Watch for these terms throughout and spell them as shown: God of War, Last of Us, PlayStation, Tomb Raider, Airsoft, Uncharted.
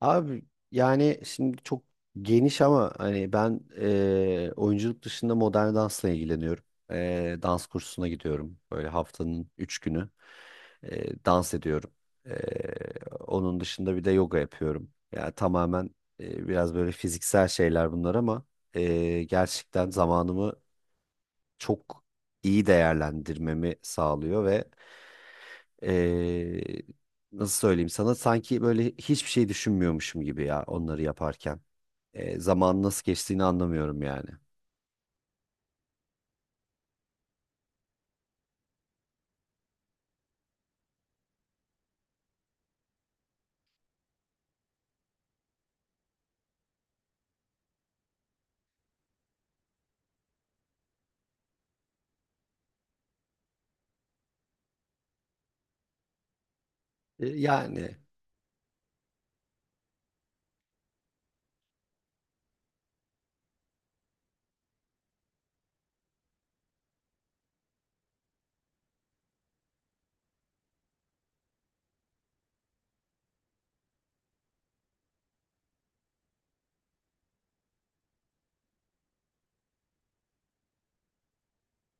Abi yani şimdi çok geniş ama hani ben oyunculuk dışında modern dansla ilgileniyorum. Dans kursuna gidiyorum. Böyle haftanın 3 günü dans ediyorum. Eee, Onun dışında bir de yoga yapıyorum. Yani tamamen biraz böyle fiziksel şeyler bunlar ama gerçekten zamanımı çok iyi değerlendirmemi sağlıyor ve ee, nasıl söyleyeyim sana, sanki böyle hiçbir şey düşünmüyormuşum gibi ya onları yaparken. Zaman nasıl geçtiğini anlamıyorum yani. Ee, yani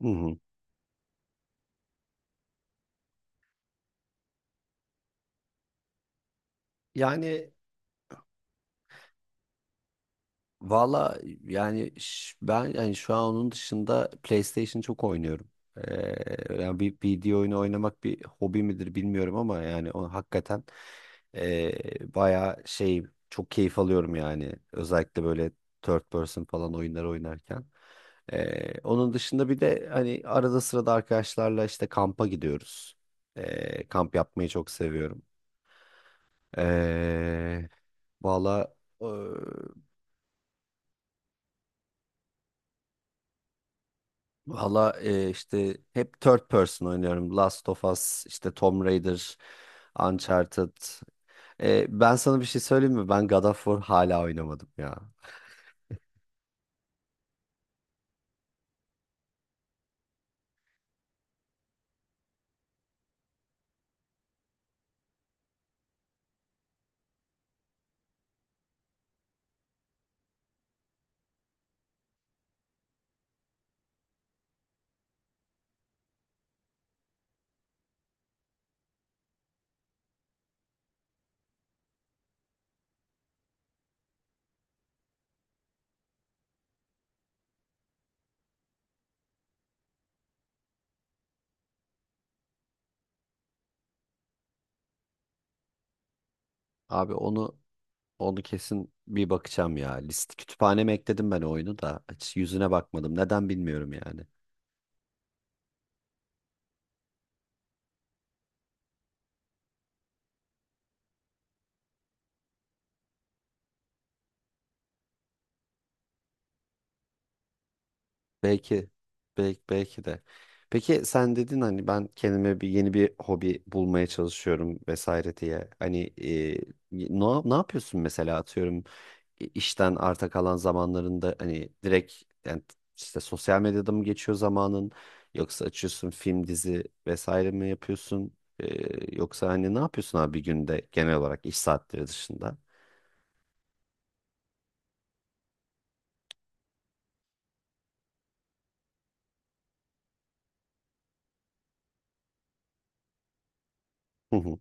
hı hı. Yani Valla yani ben yani şu an onun dışında PlayStation çok oynuyorum. Yani bir video oyunu oynamak bir hobi midir bilmiyorum ama yani o hakikaten bayağı şey çok keyif alıyorum yani. Özellikle böyle third person falan oyunlar oynarken. Onun dışında bir de hani arada sırada arkadaşlarla işte kampa gidiyoruz. Kamp yapmayı çok seviyorum. Ee, valla Valla işte hep third person oynuyorum. Last of Us, işte Tomb Raider, Uncharted. E, ben sana bir şey söyleyeyim mi? Ben God of War hala oynamadım ya. Abi onu Onu kesin bir bakacağım ya. List kütüphaneme ekledim ben oyunu da. Hiç yüzüne bakmadım. Neden bilmiyorum yani. Belki, belki, belki de. Peki sen dedin hani ben kendime bir yeni bir hobi bulmaya çalışıyorum vesaire diye. Hani ne yapıyorsun mesela, atıyorum işten arta kalan zamanlarında hani direkt, yani işte sosyal medyada mı geçiyor zamanın, yoksa açıyorsun film dizi vesaire mi yapıyorsun? E, yoksa hani ne yapıyorsun abi bir günde genel olarak iş saatleri dışında? Hı hı.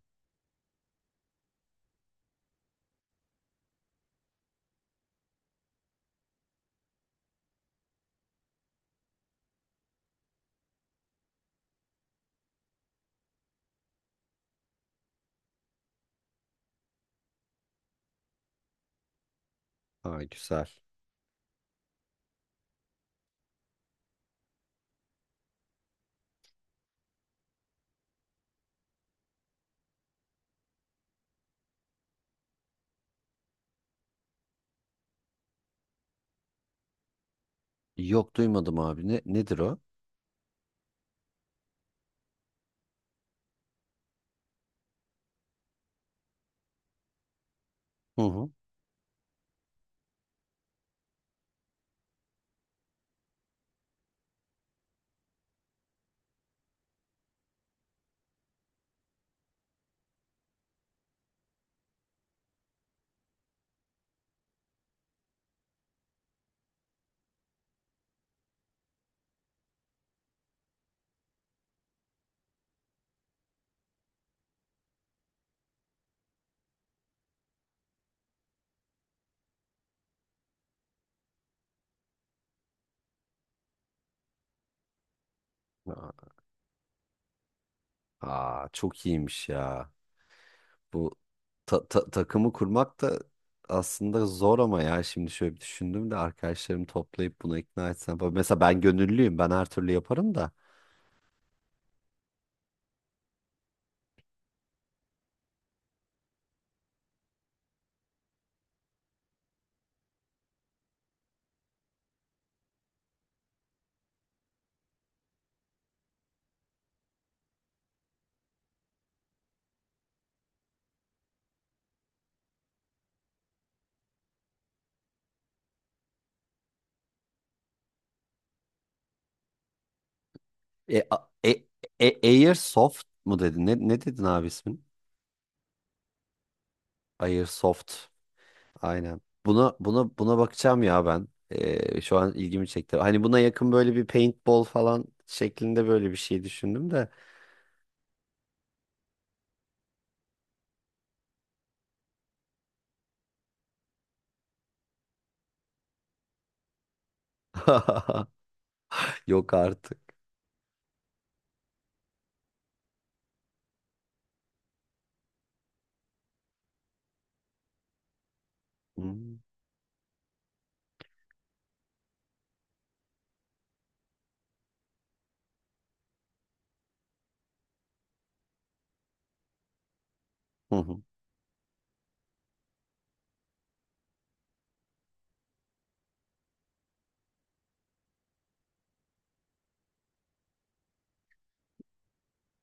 Aa, güzel. Yok, duymadım abi, nedir o? Hı hı. Aa, çok iyiymiş ya. Bu takımı kurmak da aslında zor, ama ya şimdi şöyle bir düşündüm de arkadaşlarımı toplayıp buna ikna etsem falan. Mesela ben gönüllüyüm. Ben her türlü yaparım da. E, a- e, Airsoft mu dedin? Ne dedin abi ismin? Airsoft. Aynen. Buna bakacağım ya ben. E, şu an ilgimi çekti. Hani buna yakın böyle bir paintball falan şeklinde böyle bir şey düşündüm de. Yok artık. Hmm.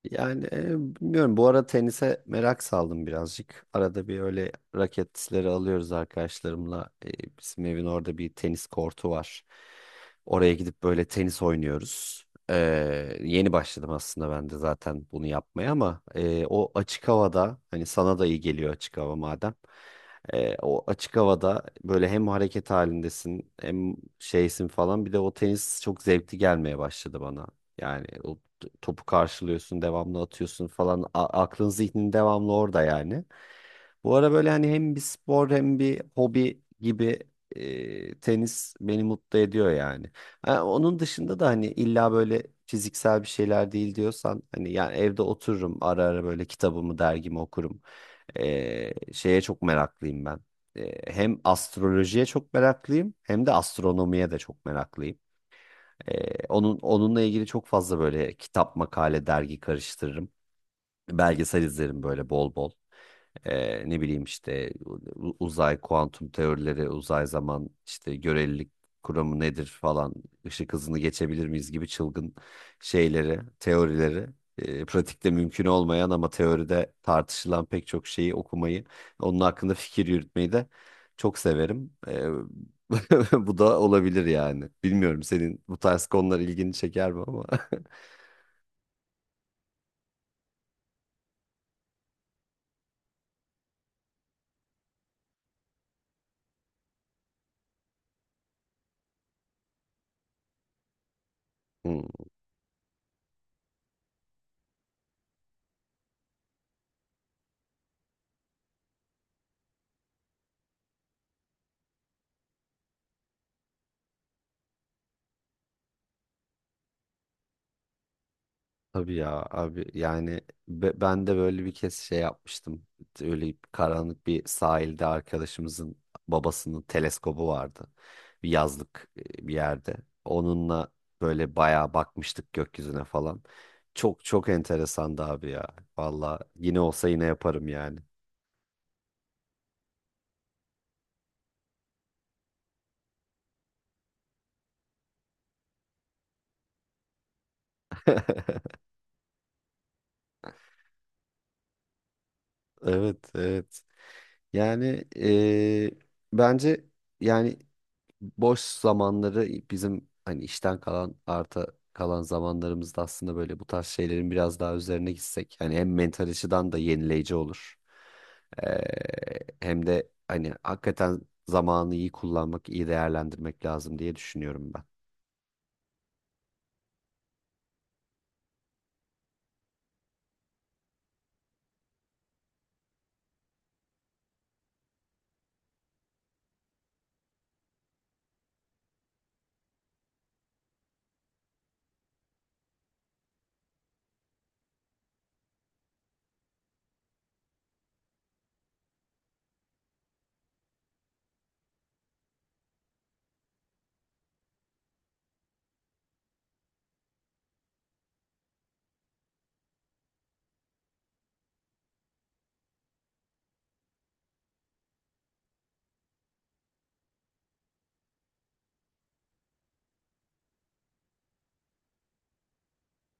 Yani bilmiyorum, bu ara tenise merak saldım birazcık. Arada bir öyle raketleri alıyoruz arkadaşlarımla. Bizim evin orada bir tenis kortu var. Oraya gidip böyle tenis oynuyoruz. E, Yeni başladım aslında ben de zaten bunu yapmaya, ama o açık havada hani sana da iyi geliyor açık hava madem. E, o açık havada böyle hem hareket halindesin hem şeysin falan, bir de o tenis çok zevkli gelmeye başladı bana. Yani o topu karşılıyorsun, devamlı atıyorsun falan. Aklın zihnin devamlı orada yani. Bu ara böyle hani hem bir spor hem bir hobi gibi, tenis beni mutlu ediyor yani. Ha, onun dışında da hani illa böyle fiziksel bir şeyler değil diyorsan, hani yani evde otururum, ara ara böyle kitabımı dergimi okurum. E, şeye çok meraklıyım ben. E, hem astrolojiye çok meraklıyım hem de astronomiye de çok meraklıyım. Onunla ilgili çok fazla böyle kitap, makale, dergi karıştırırım. Belgesel izlerim böyle bol bol. Ne bileyim, işte uzay, kuantum teorileri, uzay zaman, işte görelilik kuramı nedir falan, ışık hızını geçebilir miyiz gibi çılgın şeyleri, teorileri, pratikte mümkün olmayan ama teoride tartışılan pek çok şeyi okumayı, onun hakkında fikir yürütmeyi de çok severim. Bu da olabilir yani. Bilmiyorum senin bu tarz konular ilgini çeker mi ama. Hmm. Tabii ya abi, yani ben de böyle bir kez şey yapmıştım. Öyle bir karanlık bir sahilde arkadaşımızın babasının teleskobu vardı. Bir yazlık bir yerde. Onunla böyle bayağı bakmıştık gökyüzüne falan. Çok çok enteresandı abi ya. Valla yine olsa yine yaparım yani. Evet, evet. Yani bence, yani boş zamanları bizim, hani işten kalan arta kalan zamanlarımızda aslında böyle bu tarz şeylerin biraz daha üzerine gitsek, hani hem mental açıdan da yenileyici olur. Ee, Hem de hani hakikaten zamanı iyi kullanmak, iyi değerlendirmek lazım diye düşünüyorum ben.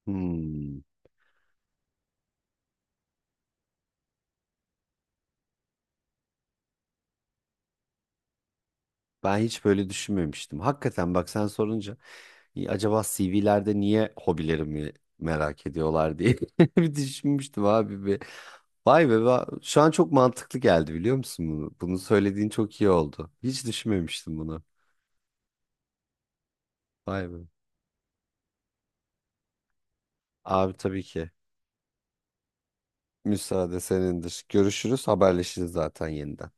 Hmm. Ben hiç böyle düşünmemiştim. Hakikaten bak, sen sorunca "İyi, acaba CV'lerde niye hobilerimi merak ediyorlar?" diye bir düşünmüştüm abi bir. Vay be, şu an çok mantıklı geldi, biliyor musun bunu? Bunu söylediğin çok iyi oldu. Hiç düşünmemiştim bunu. Vay be. Abi tabii ki. Müsaade senindir. Görüşürüz, haberleşiriz zaten yeniden.